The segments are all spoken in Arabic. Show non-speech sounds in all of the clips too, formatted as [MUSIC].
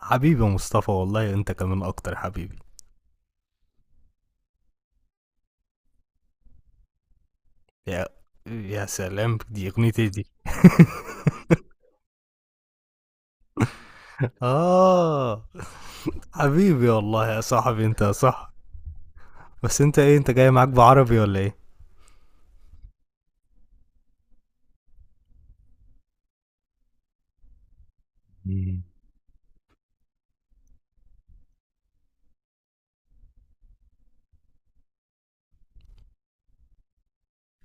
حبيبي يا مصطفى والله انت كمان اكتر حبيبي. يا يا سلام، دي اغنيتي دي. اه، حبيبي والله يا صاحبي، انت يا صاحبي. بس انت ايه، انت جاي معاك بعربي ولا ايه؟ مم.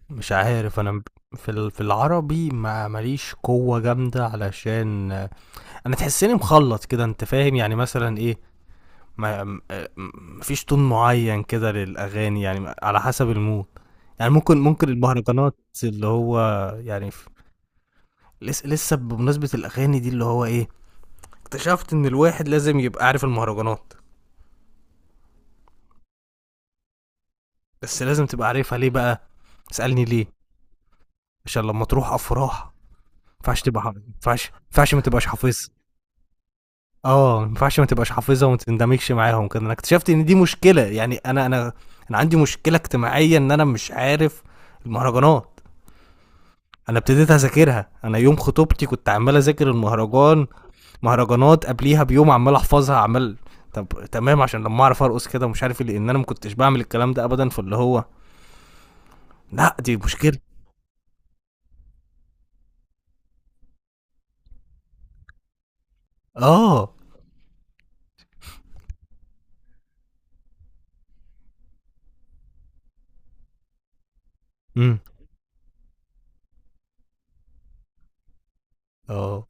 مش عارف انا. في العربي ما ماليش قوة جامدة، علشان انا تحسني مخلط كده، انت فاهم يعني، مثلا ايه، ما م- آه، م- مفيش تون معين كده للاغاني، يعني على حسب المود. يعني ممكن المهرجانات اللي هو يعني. لسه بمناسبة الأغاني دي، اللي هو إيه، اكتشفت إن الواحد لازم يبقى عارف المهرجانات. بس لازم تبقى عارفها، ليه بقى؟ اسألني ليه. عشان لما تروح أفراح ما ينفعش تبقى حافظ، ما ينفعش ما تبقاش حافظها. اه، ما ينفعش ما تبقاش حافظها وما تندمجش معاهم كده. انا اكتشفت ان دي مشكله يعني، انا عندي مشكله اجتماعيه ان انا مش عارف المهرجانات. انا ابتديت اذاكرها، انا يوم خطوبتي كنت عمال اذاكر المهرجان، مهرجانات قبليها بيوم، عمال احفظها عمال. طب، تمام، عشان لما اعرف ارقص كده ومش عارف إيه، لان انا ما كنتش بعمل الكلام ده ابدا. فاللي هو لا، دي مشكله. اه. امم. اه.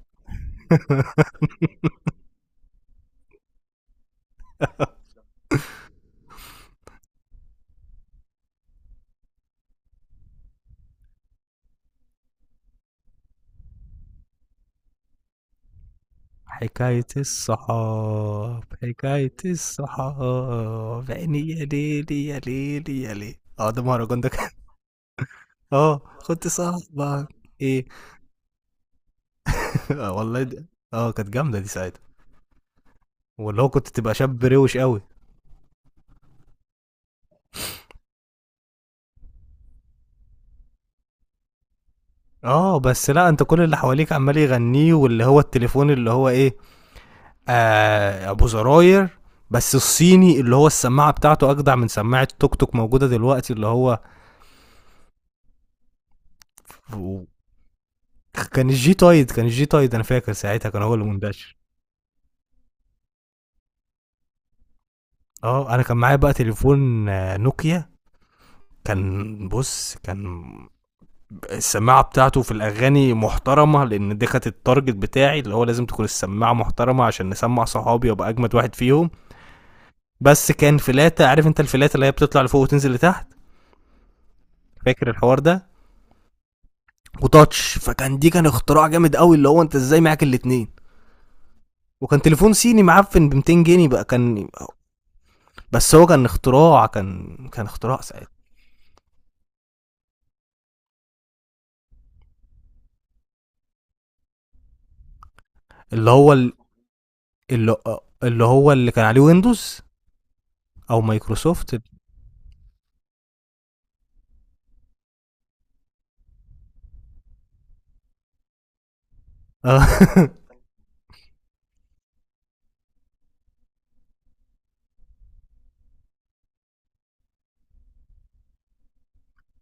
حكاية الصحاب، حكاية الصحاب، عيني يا ليلي يا ليلي يا ليلي. اه، ده مهرجان، ده كان. [LAUGHS] اه، كنت صاحبك، ايه. [LAUGHS] آه والله دي- اه، كانت جامدة دي ساعتها. واللي هو كنت تبقى شاب روش قوي. اه، بس لا، انت كل اللي حواليك عمال يغنيه، واللي هو التليفون اللي هو ايه، آه، ابو زراير. بس الصيني اللي هو السماعه بتاعته اجدع من سماعه توك توك موجوده دلوقتي، اللي هو كان الجي تايد. كان الجي تايد، انا فاكر ساعتها كان هو اللي منتشر. اه، انا كان معايا بقى تليفون نوكيا. كان، بص، كان السماعه بتاعته في الاغاني محترمه، لان دي كانت التارجت بتاعي، اللي هو لازم تكون السماعه محترمه عشان نسمع صحابي وابقى اجمد واحد فيهم. بس كان فلاته، عارف انت الفلاته اللي هي بتطلع لفوق وتنزل لتحت، فاكر الحوار ده، وتاتش. فكان دي كان اختراع جامد قوي، اللي هو انت ازاي معاك الاتنين. وكان تليفون صيني معفن ب 200 جنيه بقى، كان، بس هو كان اختراع، كان اختراع ساعتها. اللي هو ال- اللي اللي هو اللي كان عليه ويندوز او مايكروسوفت. اه. [LAUGHS]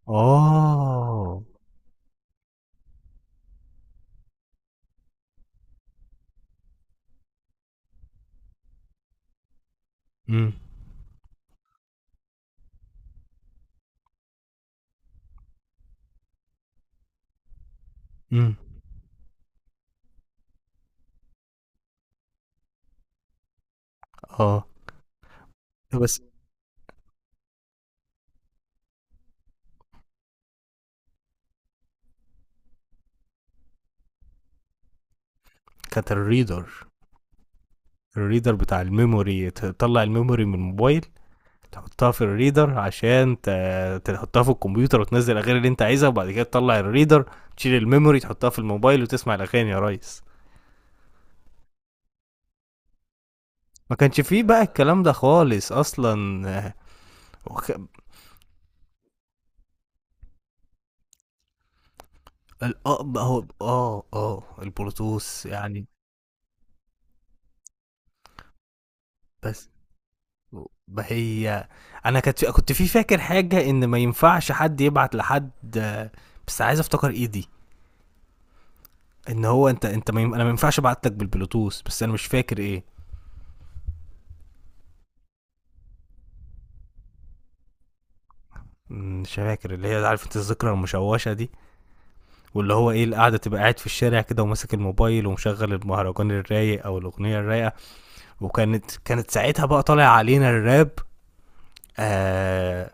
اه. امم. امم. اه. بس كانت الريدر، الريدر بتاع الميموري، تطلع الميموري من الموبايل، تحطها في الريدر عشان تحطها في الكمبيوتر وتنزل الاغاني اللي انت عايزها، وبعد كده تطلع الريدر، تشيل الميموري تحطها في الموبايل وتسمع الاغاني يا ريس. ما كانش فيه بقى الكلام ده خالص اصلا، وخ- اه بقى، هو البلوتوث يعني. بس ما هي، انا كنت، كنت في فاكر حاجه ان ما ينفعش حد يبعت لحد، بس عايز افتكر ايه دي. ان هو انت، انت ما يم... انا ما ينفعش ابعت لك بالبلوتوث، بس انا مش فاكر ايه. مش فاكر، اللي هي عارف انت الذكرى المشوشة دي. واللي هو ايه، القعدة تبقى قاعد في الشارع كده وماسك الموبايل ومشغل المهرجان الرايق او الاغنية الرايقة. وكانت ساعتها بقى طالع علينا الراب. آه.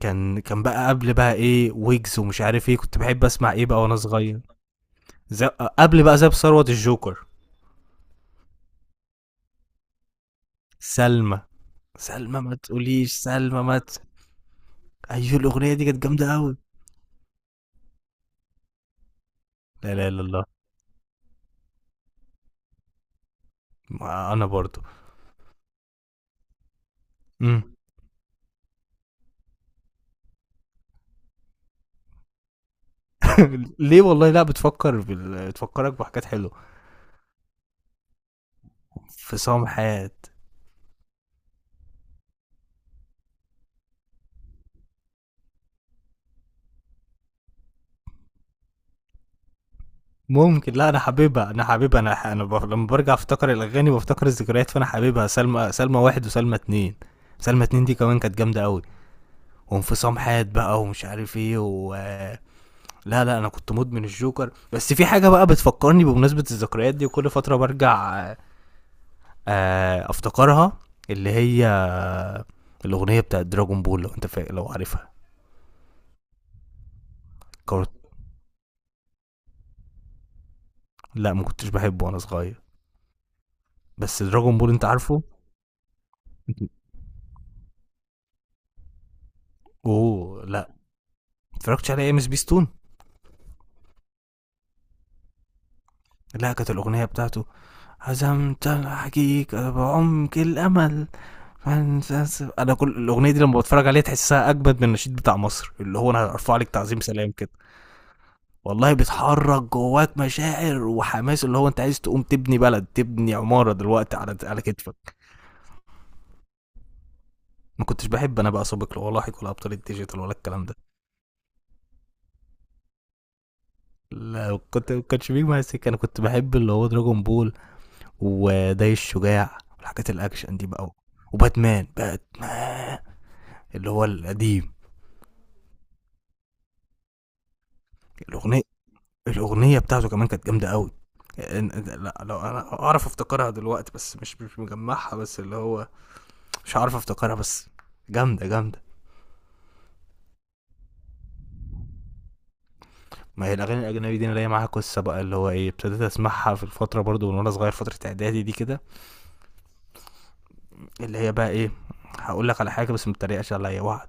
كان بقى قبل بقى ايه، ويجز ومش عارف ايه، كنت بحب اسمع ايه بقى وانا صغير. زي قبل بقى زي ثروت الجوكر. سلمى، سلمى ما تقوليش سلمى، ما ت... ايوه الاغنية دي كانت جامدة قوي. لا لا لا، الله، ما انا برضو. مم. [LAUGHS] [APPLAUSE] ليه والله، لا بتفكر بال... بتفكرك بحاجات حلوه. انفصام حياه. ممكن، لا انا حاببها، انا حاببها انا ح... انا ب... لما برجع افتكر الاغاني بفتكر الذكريات، فانا حاببها. سلمى، سلمى واحد وسلمى اتنين. سلمى اتنين دي كمان كانت جامده قوي. وانفصام حياه بقى، ومش عارف ايه. و لا لا، انا كنت مدمن الجوكر. بس في حاجه بقى بتفكرني بمناسبه الذكريات دي، وكل فتره برجع افتكرها، اللي هي الاغنيه بتاعت دراجون بول، لو عارفها. كارت... لا، ما كنتش بحبه وانا صغير، بس دراجون بول انت عارفه. اوه لا. اتفرجتش على ام اس بي ستون. لا، كانت الاغنيه بتاعته هزمت الحقيقه بعمق الامل. انا كل الاغنيه دي لما بتفرج عليها تحسها اجمد من النشيد بتاع مصر، اللي هو انا هرفع لك تعظيم سلام كده. والله بتحرك جواك مشاعر وحماس، اللي هو انت عايز تقوم تبني بلد، تبني عماره دلوقتي على كتفك. ما كنتش بحب انا بقى سابق ولا لاحق ولا ابطال الديجيتال ولا الكلام ده. لا، كنت ما كانش بيجي معايا سكه. انا كنت بحب اللي هو دراجون بول، وداي الشجاع، والحاجات الاكشن دي بقى. وباتمان، باتمان اللي هو القديم. الاغنيه، الاغنيه بتاعته كمان كانت جامده قوي. لا، لو انا اعرف افتكرها دلوقتي، بس مش مجمعها. بس اللي هو مش عارف افتكرها، بس جامده جامده. ما هي الاغاني الاجنبي دي انا ليا معاها قصه بقى، اللي هو ايه، ابتديت اسمعها في الفتره برضو من وانا صغير، فتره اعدادي دي كده. اللي هي بقى ايه، هقول لك على حاجه بس ما تتريقش عليا، وعد.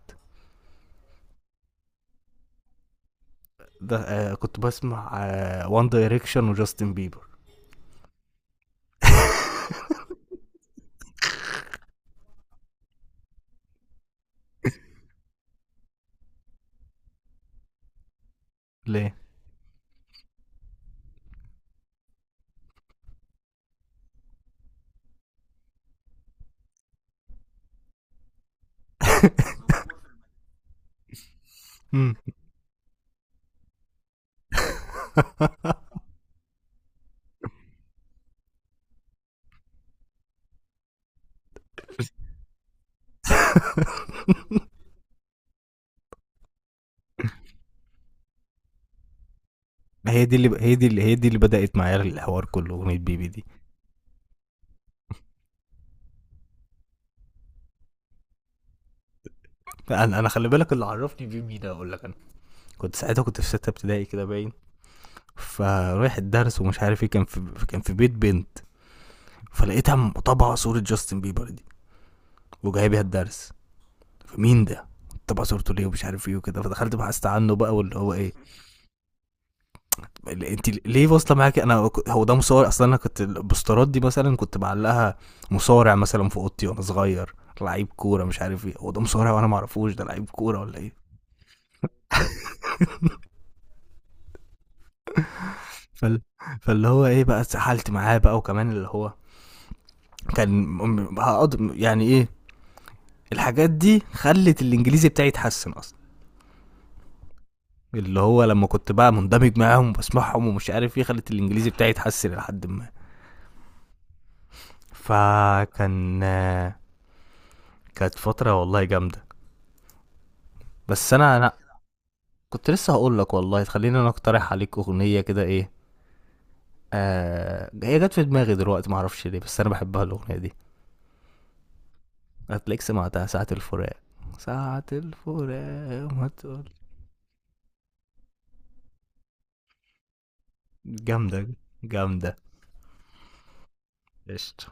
ده، آه كنت بسمع وان دايركشن وجاستن بيبر. ليه؟ امم. هي دي اللي هي دي اللي هي دي اللي بدأت معايا الحوار كله، أغنية بيبي دي. أنا خلي بالك اللي عرفني بيه مين، أقول لك. أنا كنت ساعتها في ستة ابتدائي كده باين، فرايح الدرس ومش عارف إيه، كان في بيت بنت فلقيتها مطبعة صورة جاستن بيبر دي وجايبها الدرس. فمين ده؟ طبعا صورته ليه ومش عارف ايه وكده، فدخلت بحثت عنه بقى، واللي هو ايه، انت ليه واصله معاك، هو ده مصارع اصلا، انا كنت البوسترات دي مثلا كنت بعلقها، مصارع مثلا في اوضتي وانا صغير، لعيب كوره مش عارف ايه، هو ده مصارع وانا ما اعرفوش ده لعيب كوره ولا ايه. فال... فاللي هو ايه بقى، اتسحلت معاه بقى، وكمان اللي هو كان، م- هقض يعني ايه الحاجات دي خلت الانجليزي بتاعي يتحسن اصلا، اللي هو لما كنت بقى مندمج معاهم وبسمعهم ومش عارف ايه، خلت الانجليزي بتاعي يتحسن لحد ما، فكان كانت فتره والله جامده. بس انا كنت لسه هقول لك، والله خليني انا اقترح عليك اغنيه كده، ايه، آه، هي جت في دماغي دلوقتي ما اعرفش ليه، بس انا بحبها الاغنيه دي. هتلاقيك سمعتها، ساعه الفراق. ساعه الفراق ما تقول. جامده جامده. قشطه.